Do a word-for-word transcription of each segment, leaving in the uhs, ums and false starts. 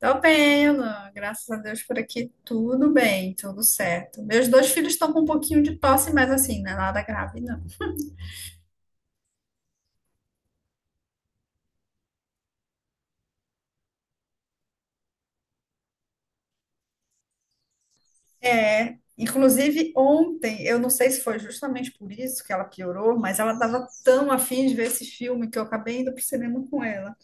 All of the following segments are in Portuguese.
Tô bem, Alan. Graças a Deus, por aqui tudo bem, tudo certo. Meus dois filhos estão com um pouquinho de tosse, mas, assim, não é nada grave, não. É, inclusive ontem, eu não sei se foi justamente por isso que ela piorou, mas ela estava tão afim de ver esse filme que eu acabei indo pro cinema com ela.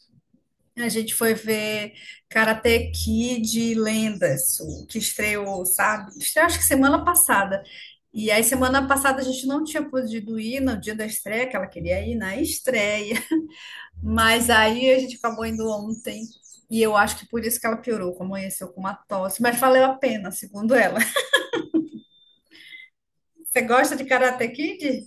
A gente foi ver Karate Kid Lendas, o que estreou, sabe? Estreou acho que semana passada. E aí, semana passada, a gente não tinha podido ir no dia da estreia, que ela queria ir na estreia. Mas aí a gente acabou indo ontem e eu acho que por isso que ela piorou, que amanheceu com uma tosse, mas valeu a pena, segundo ela. Você gosta de Karate Kid?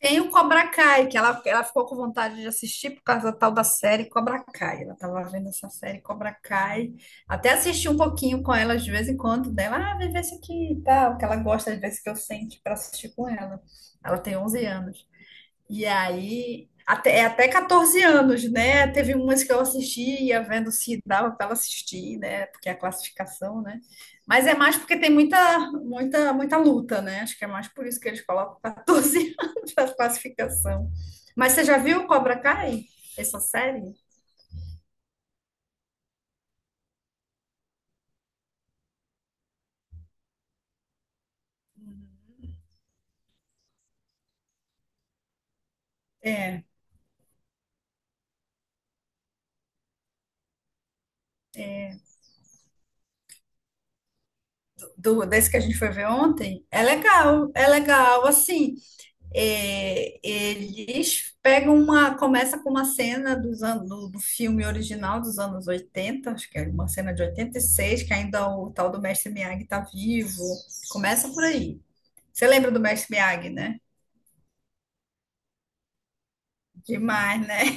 Tem o Cobra Kai, que ela, ela ficou com vontade de assistir por causa da tal da série Cobra Kai. Ela tava vendo essa série Cobra Kai. Até assisti um pouquinho com ela de vez em quando dela. Ah, vê esse aqui e tal, que ela gosta de ver se que eu sente para assistir com ela. Ela tem onze anos. E aí, até, é até catorze anos, né? Teve umas que eu assistia, vendo se dava para ela assistir, né? Porque é a classificação, né? Mas é mais porque tem muita, muita, muita luta, né? Acho que é mais por isso que eles colocam catorze anos para classificação. Mas você já viu Cobra Kai? Essa série? É, do, desse que a gente foi ver ontem, é legal, é legal, assim, é, eles pegam uma, começa com uma cena dos anos, do, do filme original dos anos oitenta, acho que é uma cena de oitenta e seis, que ainda o tal do Mestre Miyagi está vivo. Começa por aí. Você lembra do Mestre Miyagi, né? Demais, né?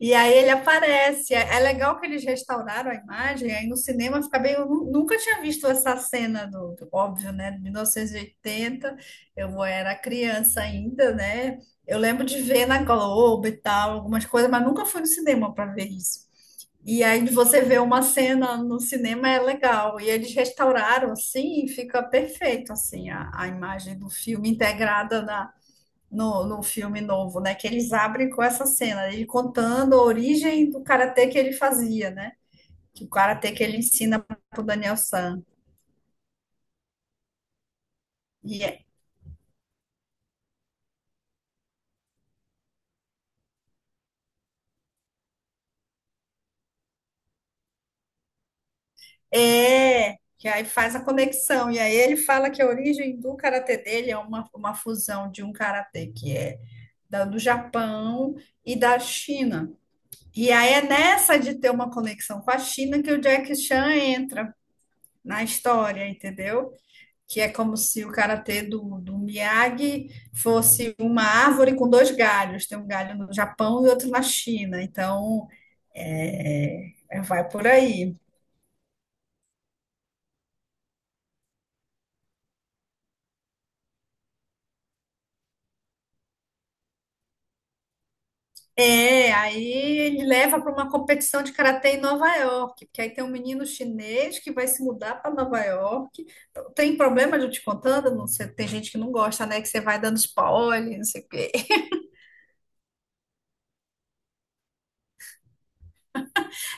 E aí ele aparece. É é legal que eles restauraram a imagem, aí no cinema fica bem. Eu nu- nunca tinha visto essa cena do, do- óbvio, né? De mil novecentos e oitenta, eu era criança ainda, né? Eu lembro de ver na Globo e tal, algumas coisas, mas nunca fui no cinema para ver isso. E aí, de você ver uma cena no cinema, é legal. E eles restauraram assim e fica perfeito assim a, a imagem do filme integrada no, no filme novo, né? Que eles abrem com essa cena, né? Ele contando a origem do karatê que ele fazia, né? Que o karatê que ele ensina pro Daniel San. E é, é, que aí faz a conexão. E aí ele fala que a origem do karatê dele é uma, uma fusão de um karatê que é da- do Japão e da China. E aí é nessa de ter uma conexão com a China que o Jack Chan entra na história, entendeu? Que é como se o karatê do, do Miyagi fosse uma árvore com dois galhos. Tem um galho no Japão e outro na China. Então, é, é, vai por aí. É, aí ele leva para uma competição de karatê em Nova York, porque aí tem um menino chinês que vai se mudar para Nova York. Tem problema de eu te contando? Não sei, tem gente que não gosta, né? Que você vai dando spoiler, não sei o quê.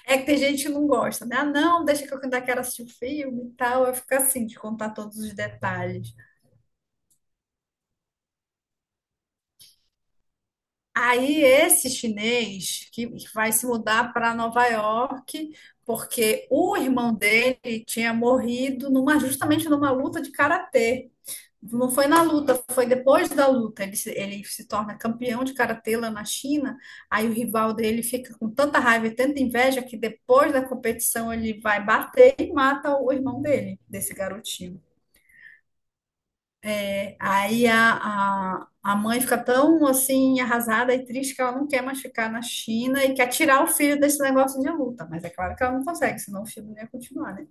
É que tem gente que não gosta, né? Ah, não, deixa que eu ainda quero assistir o filme e tal. Eu fico assim, de contar todos os detalhes. Aí esse chinês que vai se mudar para Nova York, porque o irmão dele tinha morrido numa, justamente numa luta de karatê. Não foi na luta, foi depois da luta. Ele, se- ele se torna campeão de karatê lá na China. Aí o rival dele fica com tanta raiva e tanta inveja que depois da competição ele vai bater e mata o irmão dele, desse garotinho. Aí a, a, a mãe fica tão assim arrasada e triste que ela não quer mais ficar na China e quer tirar o filho desse negócio de luta. Mas é claro que ela não consegue, senão o filho não ia continuar, né?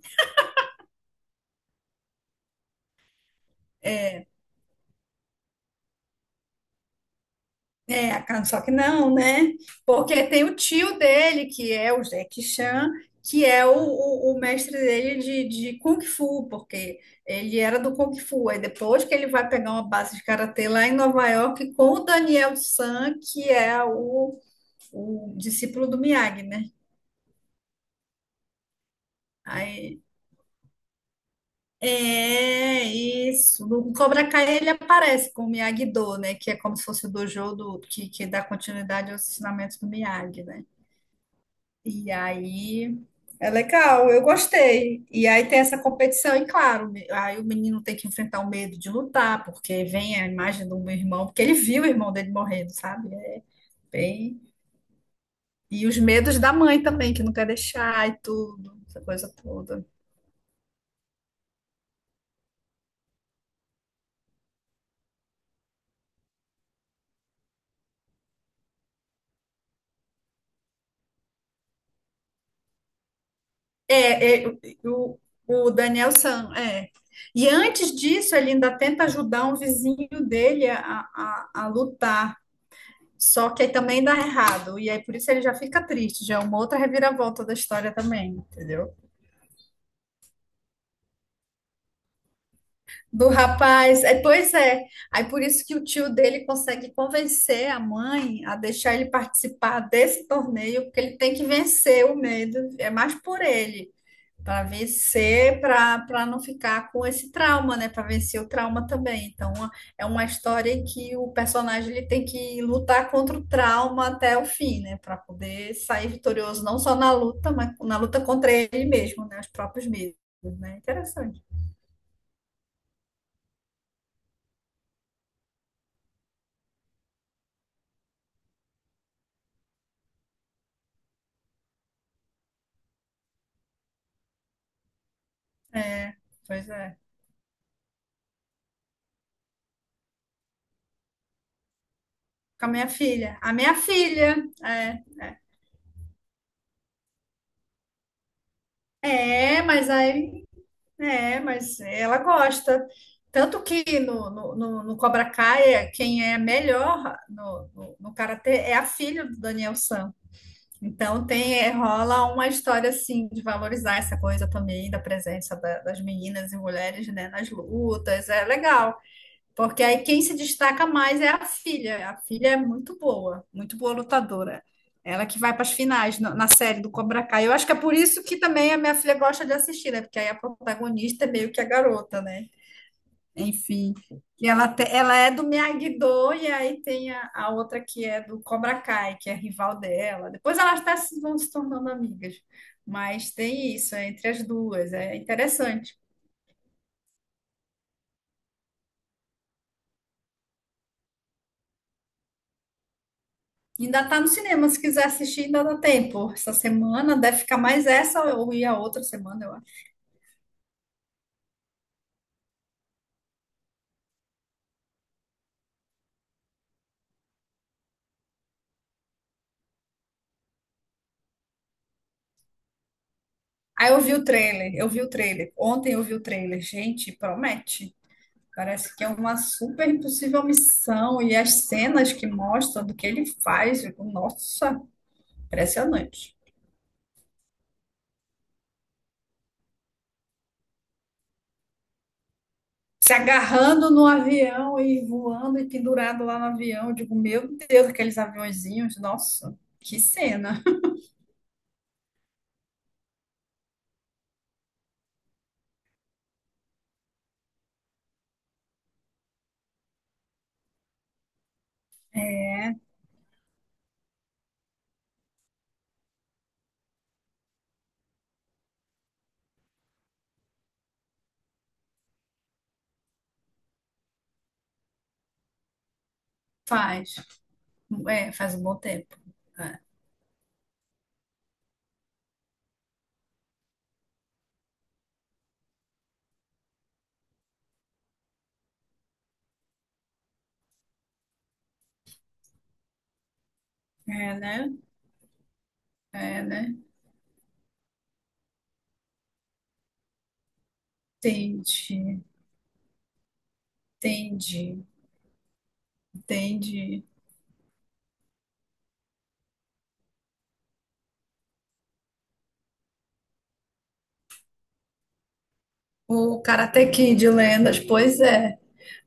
É, a Khan- só que não, né? Porque tem o tio dele, que é o Jackie Chan, que é o, o, o mestre dele de, de Kung Fu, porque ele era do Kung Fu. Aí depois que ele vai pegar uma base de karatê lá em Nova York com o Daniel San, que é o, o discípulo do Miyagi, né? Aí é isso. No Cobra Kai ele aparece com o Miyagi-Do, né? Que é como se fosse o dojo do, que, que dá continuidade aos ensinamentos do Miyagi, né? E aí é legal, eu gostei. E aí tem essa competição, e claro, me- aí o menino tem que enfrentar o medo de lutar, porque vem a imagem do meu irmão, porque ele viu o irmão dele morrendo, sabe? É bem. E os medos da mãe também, que não quer deixar e tudo, essa coisa toda. É, é, o, o Daniel San, é. E antes disso, ele ainda tenta ajudar um vizinho dele a, a, a lutar. Só que aí também dá errado. E aí por isso ele já fica triste, já é uma outra reviravolta da história também, entendeu? Do rapaz. É, pois é. Aí por isso que o tio dele consegue convencer a mãe a deixar ele participar desse torneio, porque ele tem que vencer o medo. É mais por ele. Para vencer, para não ficar com esse trauma, né? Para vencer o trauma também. Então, a- é uma história em que o personagem ele tem que lutar contra o trauma até o fim, né? Para poder sair vitorioso, não só na luta, mas na luta contra ele mesmo, né? Os próprios medos, né? Interessante. É, pois é. Com a minha filha. A minha filha. É, é É, mas aí. É, mas ela gosta. Tanto que no, no, no, no Cobra Kai, quem é melhor no, no, no karatê é a filha do Daniel San. Então tem, é, rola uma história assim de valorizar essa coisa também da- presença da- das meninas e mulheres, né, nas lutas. É legal. Porque aí quem se destaca mais é a filha. A filha é muito boa, muito boa lutadora. Ela que vai para as finais no- na série do Cobra Kai. Eu acho que é por isso que também a minha filha gosta de assistir, né? Porque aí a protagonista é meio que a garota, né? Enfim. E ela, te- ela é do Miyagi-Do e aí tem a, a outra que é do Cobra Kai, que é rival dela. Depois elas até se- vão se tornando amigas. Mas tem isso, é entre as duas. É interessante. Ainda tá no cinema, se quiser assistir, ainda dá tempo. Essa semana deve ficar mais essa ou ir a outra semana, eu acho. Aí eu vi o trailer, eu vi o trailer. Ontem eu vi o trailer. Gente, promete. Parece que é uma super impossível missão e as cenas que mostram do que ele faz, eu digo, nossa, impressionante. Se agarrando no avião e voando e pendurado lá no avião, eu digo, meu Deus, aqueles aviãozinhos, nossa, que cena. Faz, é, faz um bom tempo. É, É, né? É, né? Entendi, entendi, entendi. O Karate Kid, lendas, pois é.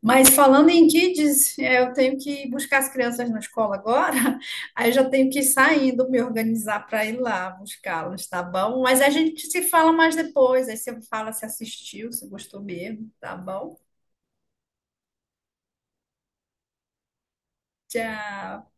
Mas falando em kids, é, eu tenho que buscar as crianças na escola agora, aí eu já tenho que ir saindo, me organizar para ir lá buscá-las, tá bom? Mas a gente se fala mais depois, aí você fala se assistiu, se gostou mesmo, tá bom? Tchau.